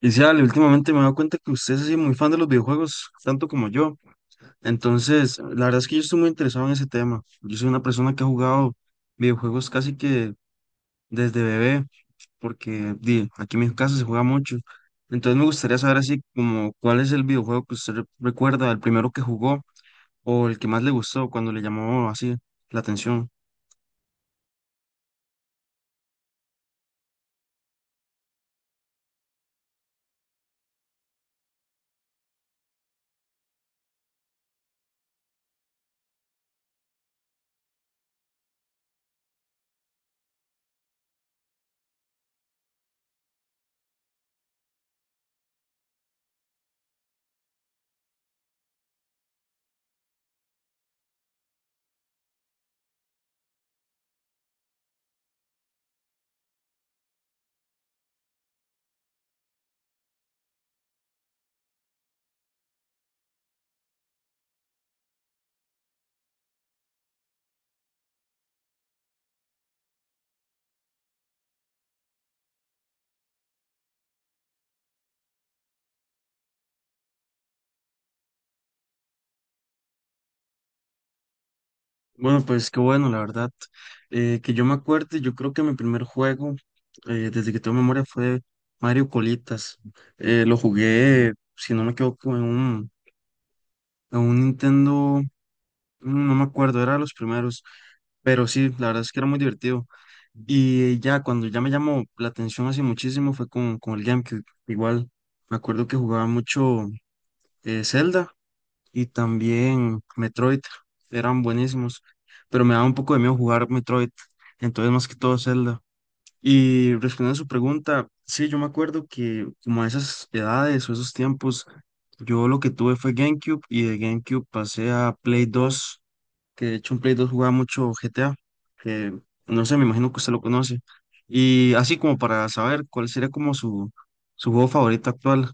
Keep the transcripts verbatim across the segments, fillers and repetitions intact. Y sí, Ale, últimamente me he dado cuenta que usted es así muy fan de los videojuegos, tanto como yo. Entonces, la verdad es que yo estoy muy interesado en ese tema. Yo soy una persona que ha jugado videojuegos casi que desde bebé, porque di, aquí en mi casa se juega mucho. Entonces me gustaría saber así como cuál es el videojuego que usted re- recuerda, el primero que jugó o el que más le gustó cuando le llamó así la atención. Bueno, pues qué bueno, la verdad. Eh, que yo me acuerde, yo creo que mi primer juego, eh, desde que tengo memoria, fue Mario Colitas. Eh, lo jugué, si no me equivoco, en un, en un Nintendo, mm, no me acuerdo, era de los primeros, pero sí, la verdad es que era muy divertido. Y ya, cuando ya me llamó la atención así muchísimo fue con, con el GameCube. Igual, me acuerdo que jugaba mucho eh, Zelda y también Metroid eran buenísimos, pero me daba un poco de miedo jugar Metroid, entonces más que todo Zelda. Y respondiendo a su pregunta, sí, yo me acuerdo que como a esas edades o esos tiempos, yo lo que tuve fue GameCube y de GameCube pasé a Play dos, que de hecho en Play dos jugaba mucho G T A, que no sé, me imagino que usted lo conoce. Y así como para saber cuál sería como su, su juego favorito actual.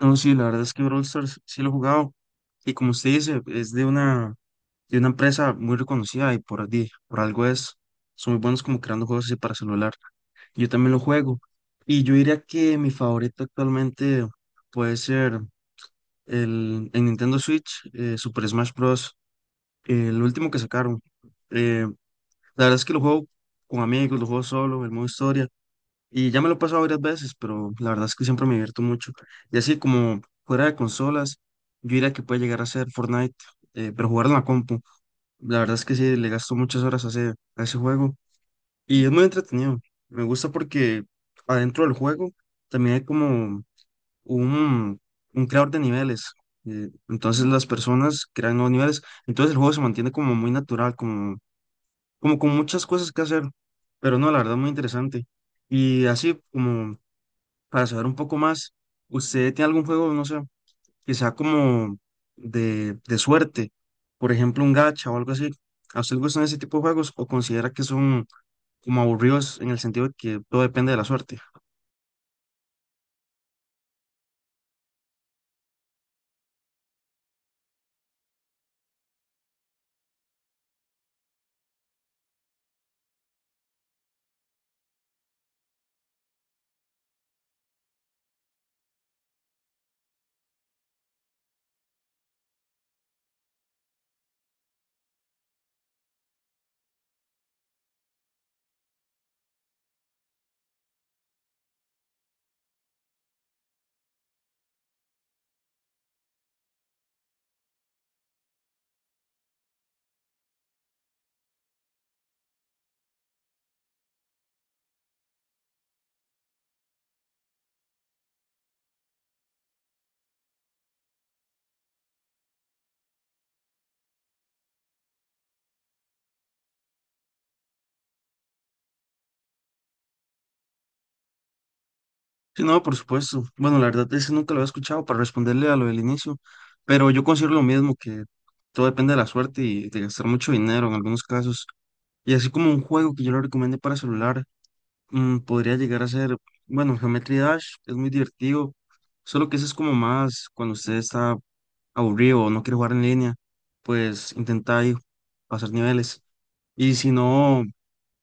No, sí, la verdad es que Brawl Stars sí lo he jugado. Y como usted dice, es de una, de una empresa muy reconocida y por, di- por algo es, son muy buenos como creando juegos así para celular. Yo también lo juego. Y yo diría que mi favorito actualmente puede ser el, en Nintendo Switch, eh, Super Smash Bros., eh, el último que sacaron. Eh, la verdad es que lo juego con amigos, lo juego solo, el modo historia. Y ya me lo he pasado varias veces, pero la verdad es que siempre me divierto mucho. Y así como fuera de consolas, yo diría que puede llegar a ser Fortnite, eh, pero jugarlo en la compu. La verdad es que sí, le gasto muchas horas a ese, a ese juego. Y es muy entretenido. Me gusta porque adentro del juego también hay como un, un creador de niveles. Eh, entonces las personas crean nuevos niveles. Entonces el juego se mantiene como muy natural, como, como con muchas cosas que hacer. Pero no, la verdad, muy interesante. Y así como para saber un poco más, ¿usted tiene algún juego, no sé, quizá como de, de suerte? Por ejemplo, un gacha o algo así. ¿A usted le gustan ese tipo de juegos o considera que son como aburridos en el sentido de que todo depende de la suerte? Sí, no, por supuesto. Bueno, la verdad es que nunca lo había escuchado para responderle a lo del inicio, pero yo considero lo mismo, que todo depende de la suerte y de gastar mucho dinero en algunos casos. Y así como un juego que yo le recomiendo para celular. Mm, podría llegar a ser, bueno, Geometry Dash es muy divertido, solo que eso es como más cuando usted está aburrido o no quiere jugar en línea, pues intenta ahí pasar niveles. Y si no,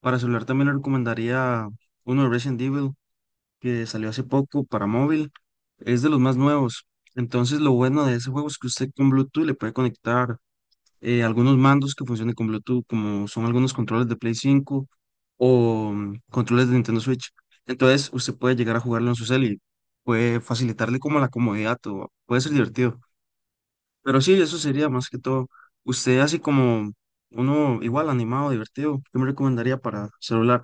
para celular también le recomendaría uno de Resident Evil que salió hace poco para móvil, es de los más nuevos. Entonces lo bueno de ese juego es que usted con Bluetooth le puede conectar eh, algunos mandos que funcionen con Bluetooth, como son algunos controles de Play cinco o mm, controles de Nintendo Switch. Entonces, usted puede llegar a jugarlo en su cel y puede facilitarle como la comodidad o puede ser divertido. Pero sí, eso sería más que todo. Usted así como uno igual animado, divertido, ¿qué me recomendaría para celular?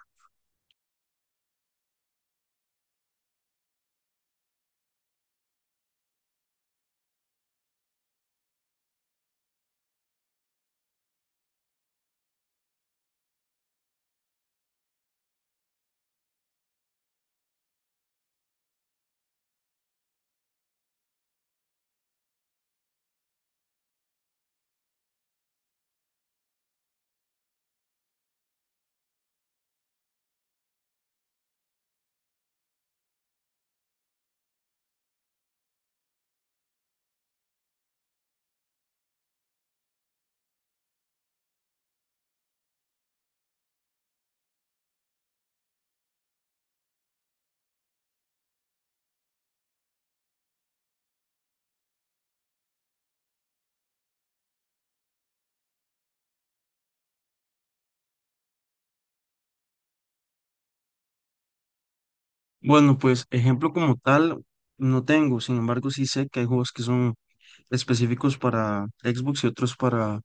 Bueno, pues ejemplo como tal no tengo, sin embargo sí sé que hay juegos que son específicos para Xbox y otros para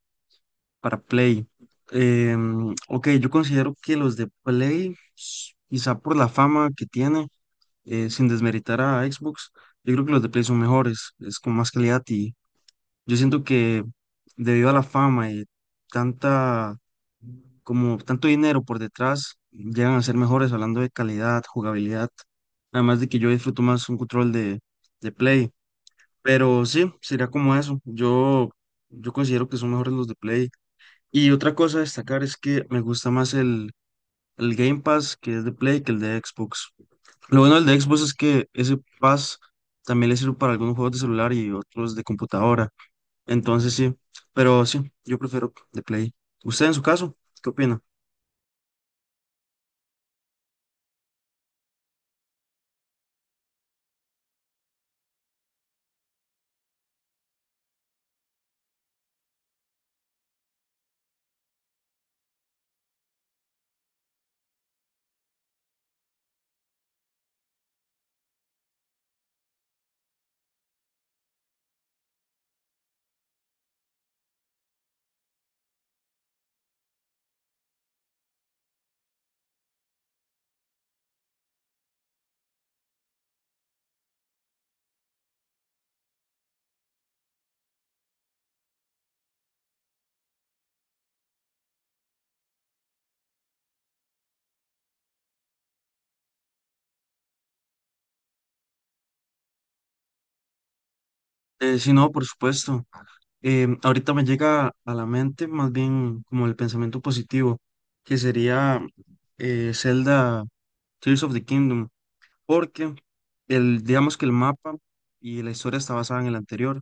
Para Play. Em, ok, yo considero que los de Play, s- quizá por la fama que tiene, eh, sin desmeritar a Xbox, yo creo que los de Play son mejores, es con más calidad y yo siento que debido a la fama y tanta, como tanto dinero por detrás, llegan a ser mejores hablando de calidad, jugabilidad, además de que yo disfruto más un control de, de Play. Pero sí, sería como eso. Yo, yo considero que son mejores los de Play. Y otra cosa a destacar es que me gusta más el, el Game Pass que es de Play que el de Xbox. Lo bueno del de Xbox es que ese Pass también le sirve para algunos juegos de celular y otros de computadora. Entonces sí, pero sí, yo prefiero de Play. ¿Usted en su caso? ¿Qué opina? Eh, sí, no, por supuesto. Em, ahorita me llega a la mente más bien como el pensamiento positivo, que sería eh, Zelda Tears of the Kingdom. Porque el, digamos que el mapa y la historia está basada en el anterior,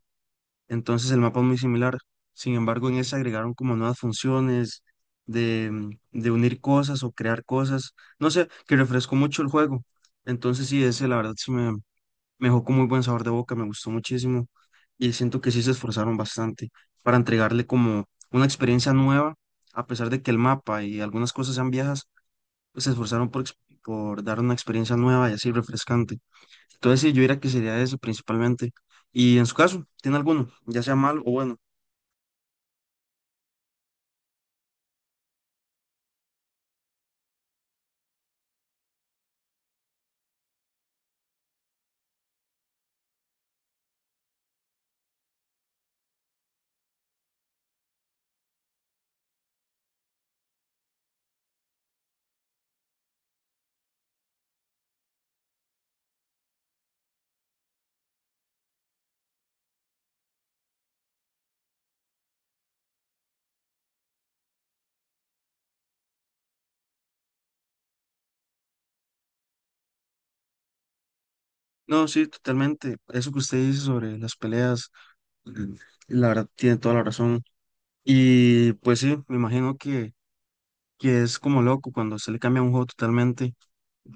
entonces el mapa es muy similar. Sin embargo, en ese agregaron como nuevas funciones de, mm, de unir cosas o crear cosas, no sé, que refrescó mucho el juego. Entonces sí, ese la verdad sí me, me dejó con muy buen sabor de boca, me gustó muchísimo y siento que sí se esforzaron bastante para entregarle como una experiencia nueva, a pesar de que el mapa y algunas cosas sean viejas se esforzaron por, ex- por dar una experiencia nueva y así refrescante. Entonces, sí, yo diría que sería eso principalmente. Y en su caso, ¿tiene alguno? Ya sea malo o bueno. No, sí, totalmente. Eso que usted dice sobre las peleas, mm, la verdad, tiene toda la razón. Y pues sí, me imagino que, que es como loco cuando se le cambia un juego totalmente.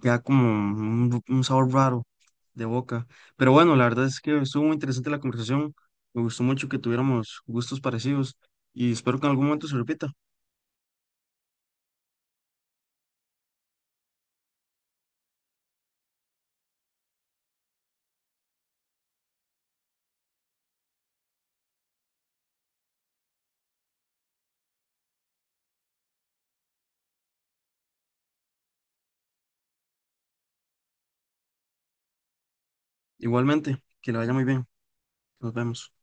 Queda como un, un sabor raro de boca. Pero bueno, la verdad es que estuvo muy interesante la conversación. Me gustó mucho que tuviéramos gustos parecidos y espero que en algún momento se repita. Igualmente, que le vaya muy bien. Nos vemos.